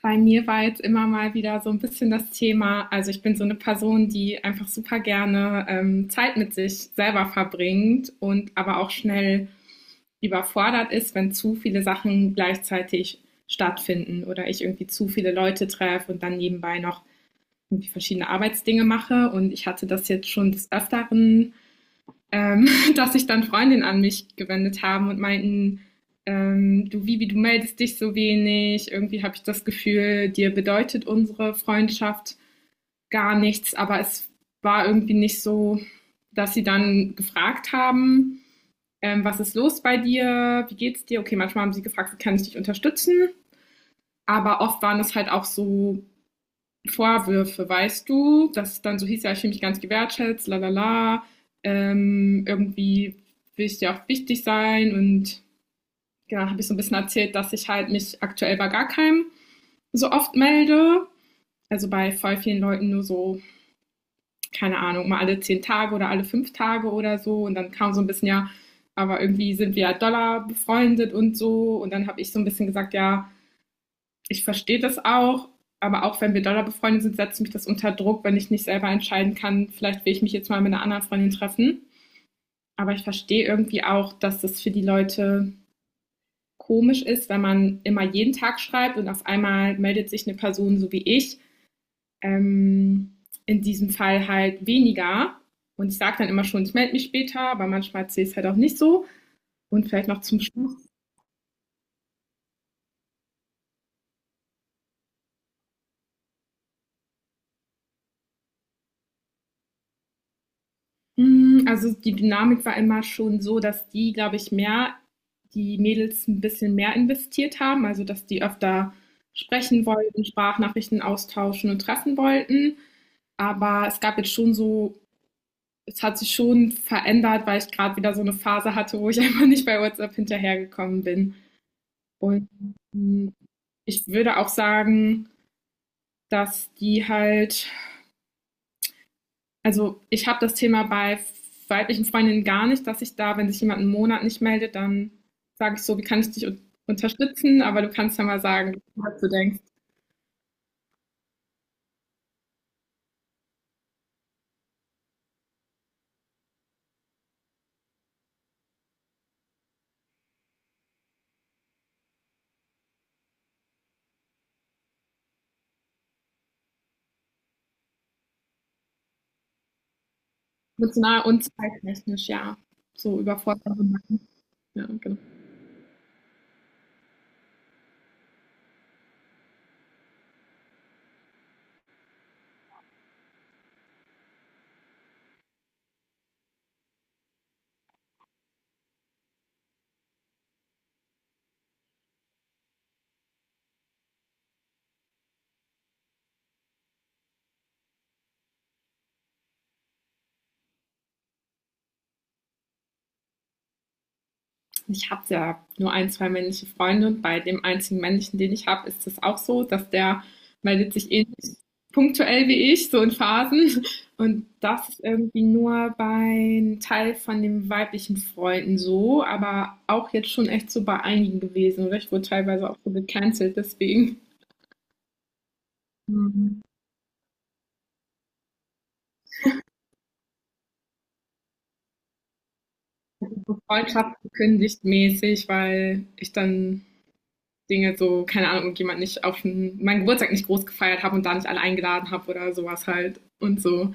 Bei mir war jetzt immer mal wieder so ein bisschen das Thema, also ich bin so eine Person, die einfach super gerne Zeit mit sich selber verbringt und aber auch schnell überfordert ist, wenn zu viele Sachen gleichzeitig stattfinden oder ich irgendwie zu viele Leute treffe und dann nebenbei noch irgendwie verschiedene Arbeitsdinge mache. Und ich hatte das jetzt schon des Öfteren, ähm, dass sich dann Freundinnen an mich gewendet haben und meinten, du Vivi, du meldest dich so wenig, irgendwie habe ich das Gefühl, dir bedeutet unsere Freundschaft gar nichts, aber es war irgendwie nicht so, dass sie dann gefragt haben, was ist los bei dir, wie geht's dir? Okay, manchmal haben sie gefragt, kann ich dich unterstützen? Aber oft waren es halt auch so Vorwürfe, weißt du, dass es dann so hieß, ja, ich fühle mich ganz gewertschätzt, lalala, irgendwie will ich dir auch wichtig sein. Und genau, habe ich so ein bisschen erzählt, dass ich halt mich aktuell bei gar keinem so oft melde. Also bei voll vielen Leuten nur so, keine Ahnung, mal alle 10 Tage oder alle 5 Tage oder so. Und dann kam so ein bisschen, ja, aber irgendwie sind wir ja Dollar befreundet und so. Und dann habe ich so ein bisschen gesagt, ja, ich verstehe das auch, aber auch wenn wir doller befreundet sind, setzt mich das unter Druck, wenn ich nicht selber entscheiden kann, vielleicht will ich mich jetzt mal mit einer anderen Freundin treffen. Aber ich verstehe irgendwie auch, dass das für die Leute komisch ist, wenn man immer jeden Tag schreibt und auf einmal meldet sich eine Person so wie ich, ähm, in diesem Fall halt weniger. Und ich sage dann immer schon, ich melde mich später, aber manchmal sehe ich es halt auch nicht so. Und vielleicht noch zum Schluss. Hm, also die Dynamik war immer schon so, dass die, glaube ich, mehr die Mädels ein bisschen mehr investiert haben, also, dass die öfter sprechen wollten, Sprachnachrichten austauschen und treffen wollten. Aber es gab jetzt schon so, es hat sich schon verändert, weil ich gerade wieder so eine Phase hatte, wo ich einfach nicht bei WhatsApp hinterhergekommen bin. Und, hm, ich würde auch sagen, dass die halt. Also ich habe das Thema bei weiblichen Freundinnen gar nicht, dass ich da, wenn sich jemand einen Monat nicht meldet, dann sage ich so, wie kann ich dich un unterstützen? Aber du kannst ja mal sagen, was du denkst. Emotional und zeittechnisch, ja. So überfordert. Ja, genau. Ich habe ja nur ein, zwei männliche Freunde, und bei dem einzigen männlichen, den ich habe, ist das auch so, dass der meldet sich ähnlich punktuell wie ich, so in Phasen. Und das ist irgendwie nur bei einem Teil von den weiblichen Freunden so, aber auch jetzt schon echt so bei einigen gewesen. Oder ich wurde teilweise auch so gecancelt, deswegen. Mhm. So Freundschaft gekündigt mäßig, weil ich dann Dinge so, keine Ahnung, und jemand nicht auf meinen Geburtstag nicht groß gefeiert habe und da nicht alle eingeladen habe oder sowas halt und so.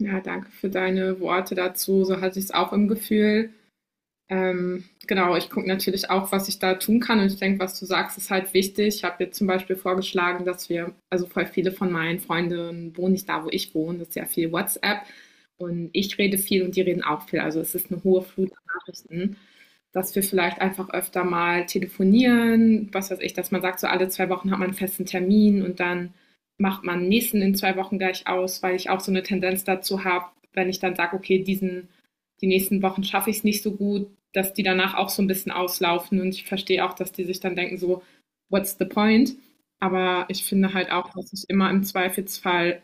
Ja, danke für deine Worte dazu. So hatte ich es auch im Gefühl. Genau, ich gucke natürlich auch, was ich da tun kann und ich denke, was du sagst, ist halt wichtig. Ich habe jetzt zum Beispiel vorgeschlagen, dass wir, also voll viele von meinen Freunden wohnen nicht da, wo ich wohne, das ist ja viel WhatsApp und ich rede viel und die reden auch viel. Also es ist eine hohe Flut an Nachrichten, dass wir vielleicht einfach öfter mal telefonieren, was weiß ich, dass man sagt, so alle 2 Wochen hat man einen festen Termin und dann macht man den nächsten in 2 Wochen gleich aus, weil ich auch so eine Tendenz dazu habe, wenn ich dann sage, okay, die nächsten Wochen schaffe ich es nicht so gut, dass die danach auch so ein bisschen auslaufen und ich verstehe auch, dass die sich dann denken, so, what's the point? Aber ich finde halt auch, dass ich immer im Zweifelsfall,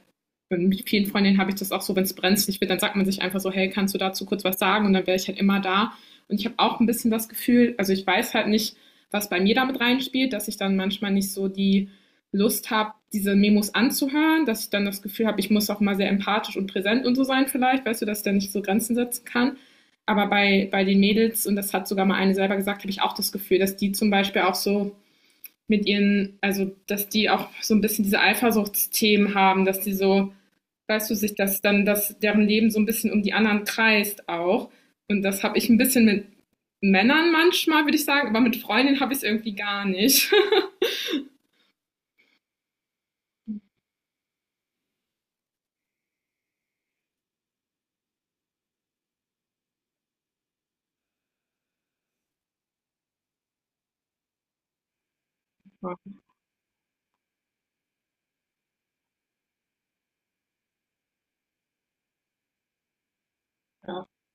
mit vielen Freundinnen habe ich das auch so, wenn es brenzlig wird, dann sagt man sich einfach so, hey, kannst du dazu kurz was sagen? Und dann wäre ich halt immer da. Und ich habe auch ein bisschen das Gefühl, also ich weiß halt nicht, was bei mir damit reinspielt, dass ich dann manchmal nicht so die Lust habe, diese Memos anzuhören, dass ich dann das Gefühl habe, ich muss auch mal sehr empathisch und präsent und so sein vielleicht, weißt du, dass ich dann nicht so Grenzen setzen kann. Aber bei den Mädels, und das hat sogar mal eine selber gesagt, habe ich auch das Gefühl, dass die zum Beispiel auch so mit ihren, also dass die auch so ein bisschen diese Eifersuchtsthemen haben, dass die so, weißt du, sich das dann, dass deren Leben so ein bisschen um die anderen kreist auch. Und das habe ich ein bisschen mit Männern manchmal, würde ich sagen, aber mit Freundinnen habe ich es irgendwie gar nicht.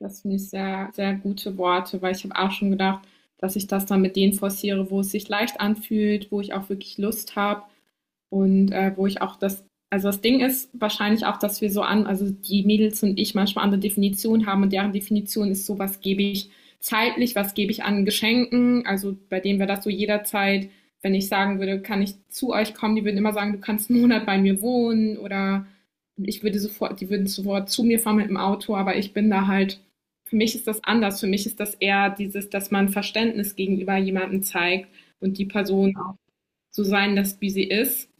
Das finde ich sehr, sehr gute Worte, weil ich habe auch schon gedacht, dass ich das dann mit denen forciere, wo es sich leicht anfühlt, wo ich auch wirklich Lust habe. Und wo ich auch das, also das Ding ist wahrscheinlich auch, dass wir so an, also die Mädels und ich manchmal andere Definitionen haben und deren Definition ist so, was gebe ich zeitlich, was gebe ich an Geschenken, also bei denen wäre das so jederzeit, wenn ich sagen würde, kann ich zu euch kommen, die würden immer sagen, du kannst einen Monat bei mir wohnen, oder ich würde sofort, die würden sofort zu mir fahren mit dem Auto, aber ich bin da halt, für mich ist das anders, für mich ist das eher dieses, dass man Verständnis gegenüber jemandem zeigt und die Person auch so sein lässt, wie sie ist,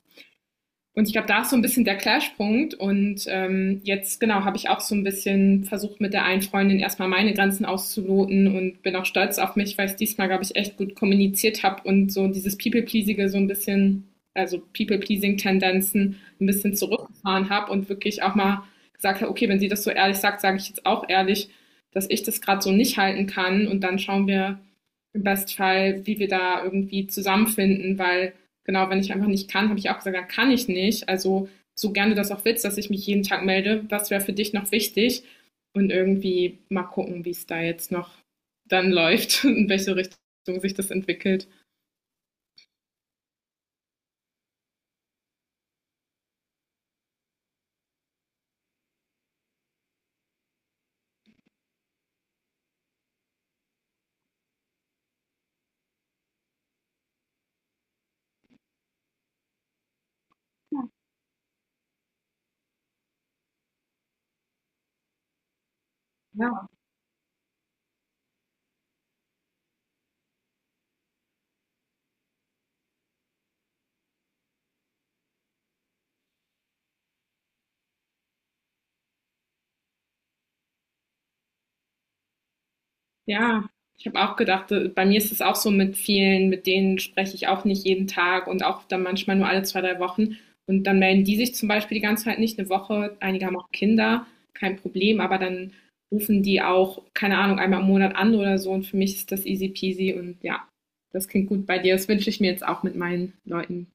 und ich glaube, da ist so ein bisschen der Clashpunkt. Und jetzt, genau, habe ich auch so ein bisschen versucht, mit der einen Freundin erstmal meine Grenzen auszuloten und bin auch stolz auf mich, weil ich diesmal, glaube ich, echt gut kommuniziert habe und so dieses People-Pleasige so ein bisschen, also People-Pleasing-Tendenzen ein bisschen zurückgefahren habe und wirklich auch mal gesagt habe, okay, wenn sie das so ehrlich sagt, sage ich jetzt auch ehrlich, dass ich das gerade so nicht halten kann. Und dann schauen wir, im Bestfall, wie wir da irgendwie zusammenfinden, weil genau, wenn ich einfach nicht kann, habe ich auch gesagt, da kann ich nicht. Also so gerne das auch willst, dass ich mich jeden Tag melde, was wäre für dich noch wichtig? Und irgendwie mal gucken, wie es da jetzt noch dann läuft, in welche Richtung sich das entwickelt. Ja, ja, ich habe auch gedacht, bei mir ist es auch so mit vielen, mit denen spreche ich auch nicht jeden Tag und auch dann manchmal nur alle zwei, drei Wochen. Und dann melden die sich zum Beispiel die ganze Zeit nicht, eine Woche. Einige haben auch Kinder, kein Problem, aber dann rufen die auch, keine Ahnung, einmal im Monat an oder so. Und für mich ist das easy peasy und ja, das klingt gut bei dir. Das wünsche ich mir jetzt auch mit meinen Leuten.